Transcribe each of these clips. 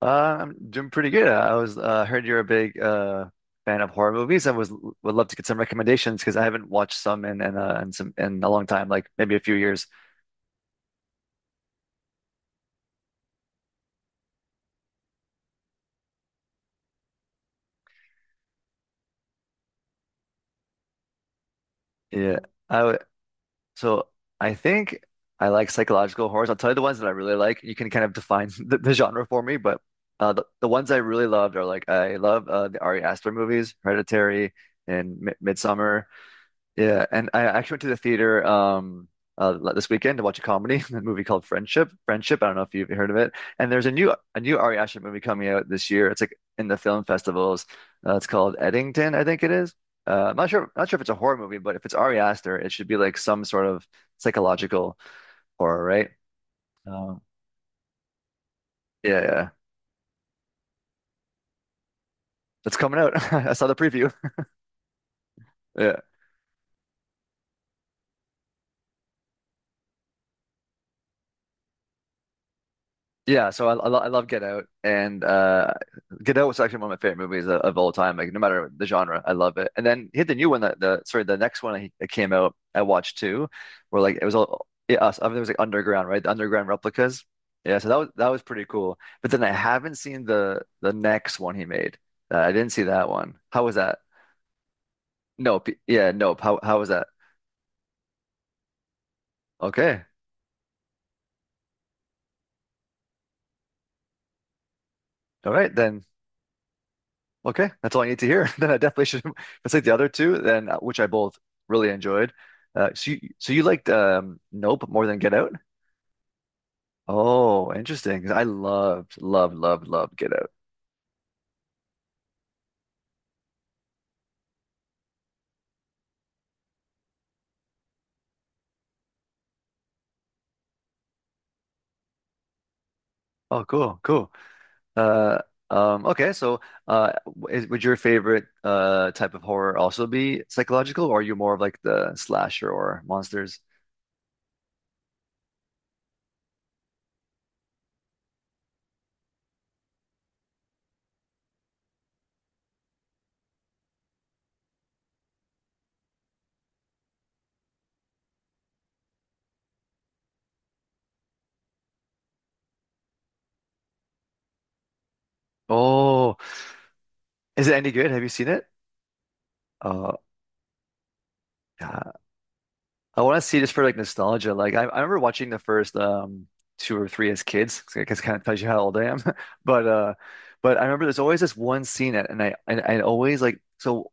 I'm doing pretty good. I was Heard you're a big fan of horror movies. I was Would love to get some recommendations because I haven't watched some in a long time, like maybe a few years. Yeah, I would, so I think I like psychological horrors. I'll tell you the ones that I really like. You can kind of define the genre for me, but the ones I really loved are like I love the Ari Aster movies, Hereditary and M Midsommar. Yeah, and I actually went to the theater this weekend to watch a comedy, a movie called Friendship. Friendship, I don't know if you've heard of it. And there's a new Ari Aster movie coming out this year. It's like in the film festivals. It's called Eddington, I think it is. I'm not sure if it's a horror movie, but if it's Ari Aster, it should be like some sort of psychological horror, right? Um, yeah, yeah. It's coming out. I saw the preview. Yeah. Yeah, so I love Get Out, and Get Out was actually one of my favorite movies of all time. Like no matter the genre, I love it. And then he had the new one that, the, sorry, the next one that came out, I watched too, where like it was all, yeah, us. I mean, it was like underground, right? The underground replicas. Yeah, so that was pretty cool. But then I haven't seen the next one he made. I didn't see that one. How was that? Nope. Yeah, nope. How was that? Okay, all right then. Okay, that's all I need to hear. Then I definitely should. Let's like the other two, then, which I both really enjoyed. So you liked Nope more than Get Out? Oh, interesting. 'Cause I loved, loved, loved, loved Get Out. Oh, cool, cool. Uh, okay, so, uh, would your favorite type of horror also be psychological, or are you more of like the slasher or monsters? Oh, is it any good? Have you seen it? Oh, yeah. I want to see just for like nostalgia. Like I remember watching the first two or three as kids. 'Cause I guess kind of tells you how old I am. But I remember there's always this one scene, and I always, like, so,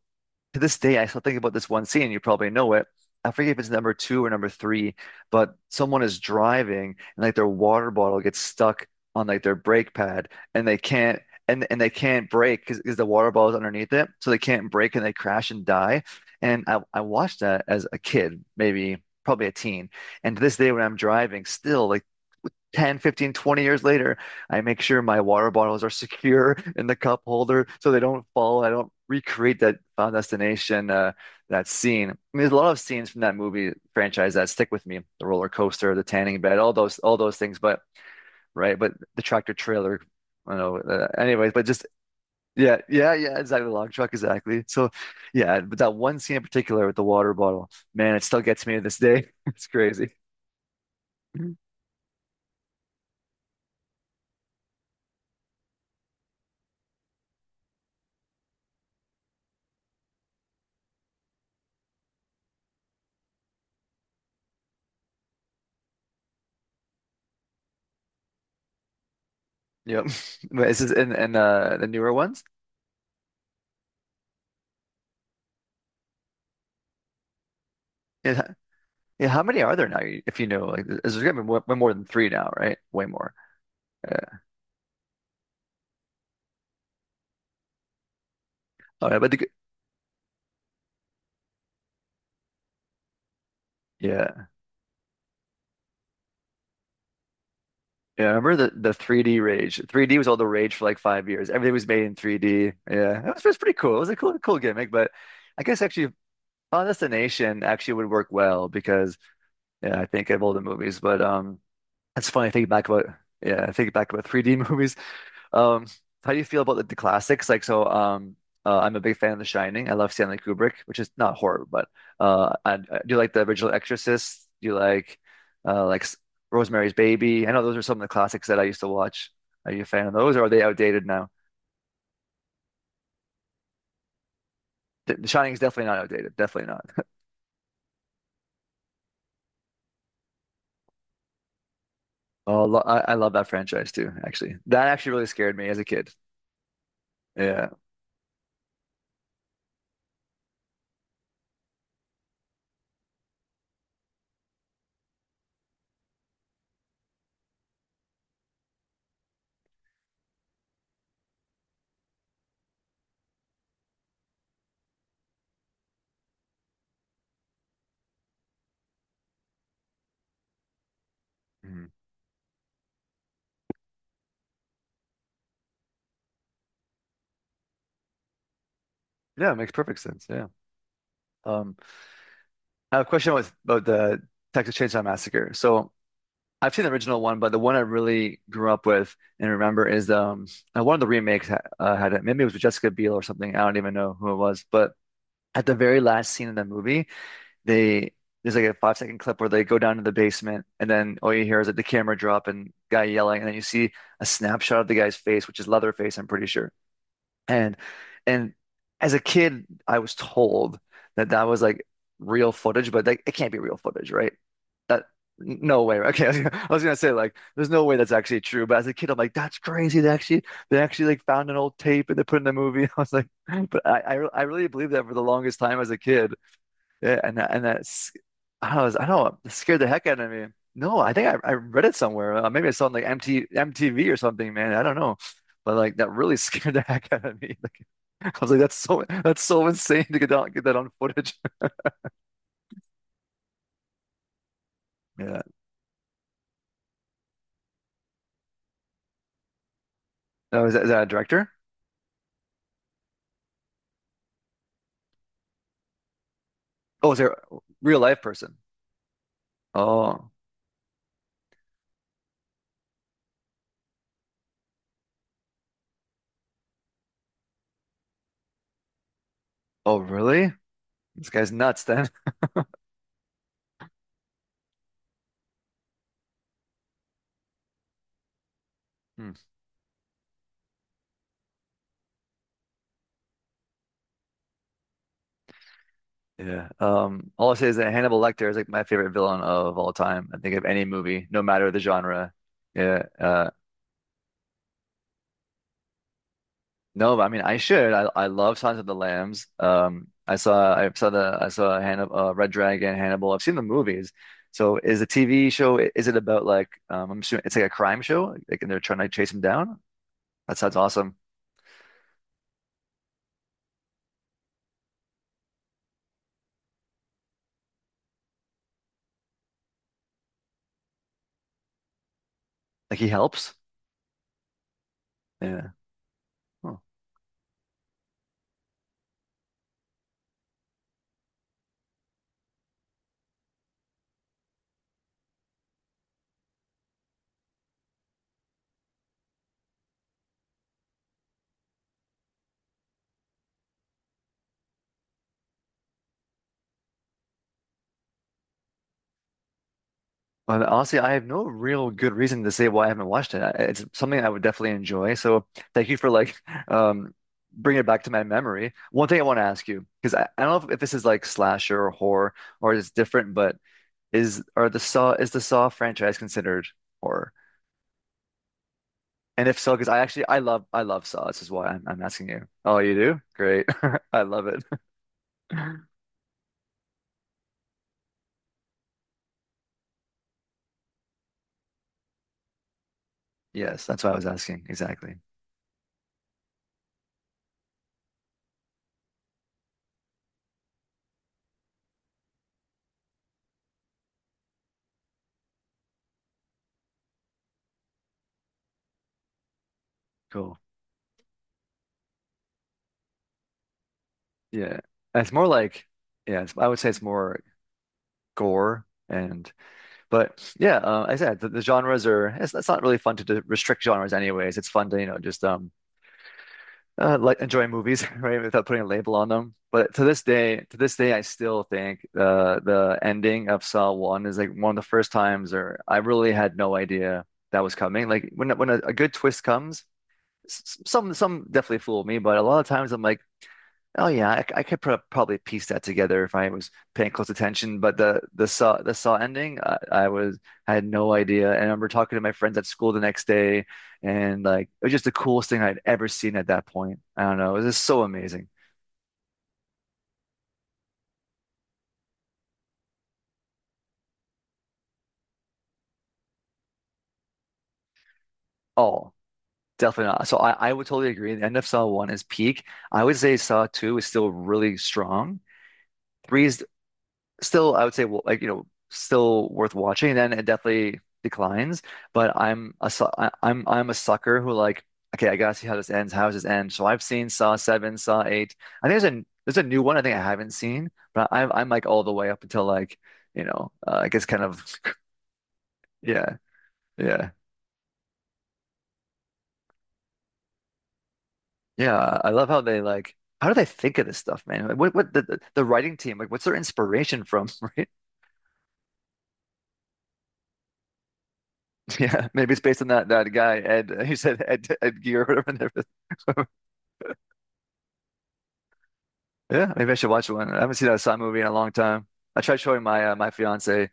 to this day, I still think about this one scene. You probably know it. I forget if it's number two or number three, but someone is driving and like their water bottle gets stuck on like their brake pad and they can't brake because the water bottle is underneath it, so they can't brake and they crash and die. And I watched that as a kid, maybe probably a teen, and to this day when I'm driving, still like 10, 15, 20 years later, I make sure my water bottles are secure in the cup holder so they don't fall. I don't recreate that Final Destination, that scene. I mean, there's a lot of scenes from that movie franchise that stick with me. The roller coaster, the tanning bed, all those things. But, right, but the tractor trailer, I don't know. Anyways, but just, yeah, yeah, yeah, exactly. The log truck, exactly. So yeah, but that one scene in particular with the water bottle, man, it still gets me to this day. It's crazy. Yep. But is this in the newer ones? Yeah, yeah. How many are there now? If you know, like, there's gonna be more, way more than three now, right? Way more. Yeah. Oh, yeah, yeah, yeah. I remember the 3D rage. 3D was all the rage for like 5 years. Everything was made in 3D. Yeah, it was pretty cool. It was a cool, cool gimmick. But I guess actually, Final Destination actually would work well because, yeah, I think of all the movies. But it's funny thinking back about yeah, thinking back about 3D movies. Um, how do you feel about the classics? Like, so, I'm a big fan of The Shining. I love Stanley Kubrick, which is not horror. But I do you like the original Exorcist? Do you like, uh, like S- Rosemary's Baby? I know those are some of the classics that I used to watch. Are you a fan of those, or are they outdated now? The Shining is definitely not outdated. Definitely not. Oh, I love that franchise too. Actually, that actually really scared me as a kid. Yeah. Mhm. Yeah, it makes perfect sense. Yeah. Um, I have a question with about the Texas Chainsaw Massacre. So I've seen the original one, but the one I really grew up with and remember is one of the remakes ha had it. Maybe it was with Jessica Biel or something. I don't even know who it was. But at the very last scene in the movie, they there's like a 5-second clip where they go down to the basement, and then all you hear is like the camera drop and guy yelling, and then you see a snapshot of the guy's face, which is Leatherface, I'm pretty sure. And and as a kid, I was told that that was like real footage, but like it can't be real footage, right? that No way. Okay, I was gonna say like there's no way that's actually true. But as a kid, I'm like, that's crazy. They actually like found an old tape and they put it in the movie. I was like, but I really believed that for the longest time as a kid. Yeah, and that- and that's I was I don't know, it scared the heck out of me. No, I think I read it somewhere. Maybe I saw it on like MTV or something, man. I don't know. But like that really scared the heck out of me. Like I was like, that's so insane to get that on footage. Yeah. Oh, is that a director? Oh, is there a real life person? Oh, oh, really? This guy's nuts then. Hmm. Yeah. All I say is that Hannibal Lecter is like my favorite villain of all time. I think of any movie, no matter the genre. Yeah. No, but I mean, I should. I love Silence of the Lambs. I saw Hannibal, Red Dragon, Hannibal. I've seen the movies. So is the TV show? Is it about, like? I'm assuming it's like a crime show. Like, and they're trying to chase him down. That sounds awesome. Like he helps. Yeah. Huh. But honestly, I have no real good reason to say why I haven't watched it. It's something I would definitely enjoy. So thank you for like um, bringing it back to my memory. One thing I want to ask you, because I don't know if this is like slasher or horror or it's different, but is the Saw franchise considered horror? And if so, because I love Saw. This is why I'm asking you. Oh, you do? Great. I love it. Yes, that's why I was asking. Exactly. Cool. Yeah. And it's more like, yeah. It's, I would say it's more gore and. But yeah, like I said, the genres are. It's not really fun to restrict genres, anyways. It's fun to, just like, enjoy movies, right, without putting a label on them. But to this day, I still think the ending of Saw One is like one of the first times, or I really had no idea that was coming. Like when a good twist comes, some definitely fool me, but a lot of times I'm like. Oh yeah, I could probably piece that together if I was paying close attention. But the Saw ending, I had no idea. And I remember talking to my friends at school the next day, and like it was just the coolest thing I'd ever seen at that point. I don't know, it was just so amazing. Oh, definitely not. So I would totally agree. The end of Saw One is peak. I would say Saw Two is still really strong. Three, still, I would say, well, like, still worth watching. Then it definitely declines. But I'm a sucker who, like, okay, I gotta see how this ends. How does this end? So I've seen Saw 7, Saw 8. I think there's a new one I think I haven't seen, but I'm like all the way up until, like, I guess kind of, yeah, yeah, yeah. I love how they like. How do they think of this stuff, man? Like, what the writing team like? What's their inspiration from, right? Yeah, maybe it's based on that guy Ed. You said Ed Gear or whatever. Yeah, maybe I should watch one. I haven't seen a Saw movie in a long time. I tried showing my fiance.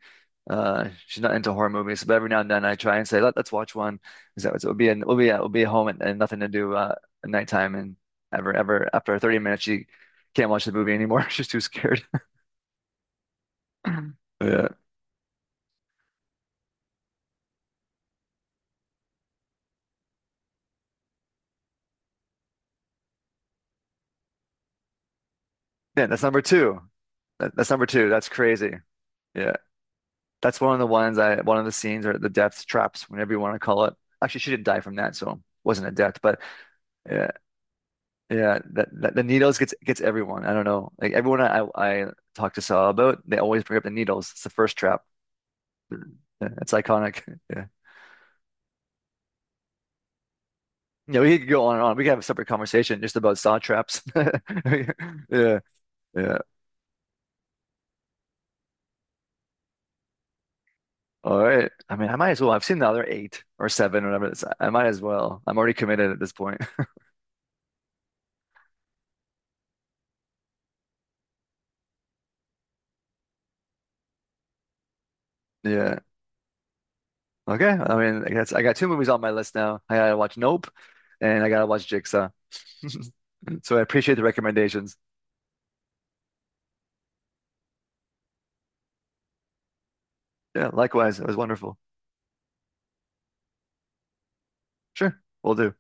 She's not into horror movies, but every now and then I try and say, let, let's watch one. Because, that, so It'll be an, we'll be home and nothing to do, at nighttime. And ever after 30 minutes, she can't watch the movie anymore. She's too scared. Yeah, yeah. That's number two. That's number two. That's crazy. Yeah, that's one of the ones I one of the scenes or the death traps, whatever you want to call it. Actually, she didn't die from that, so it wasn't a death. But yeah. Yeah, that, that the needles gets everyone. I don't know. Like everyone I talk to Saw about, they always bring up the needles. It's the first trap. Yeah, it's iconic. Yeah. Yeah, we could go on and on. We could have a separate conversation just about Saw traps. Yeah, yeah. All right. I mean, I might as well. I've seen the other eight or seven, whatever. It's, I might as well. I'm already committed at this point. Yeah. Okay. I mean, I guess I got two movies on my list now. I gotta watch Nope, and I gotta watch Jigsaw. So I appreciate the recommendations. Yeah, likewise. It was wonderful. Sure, we'll do.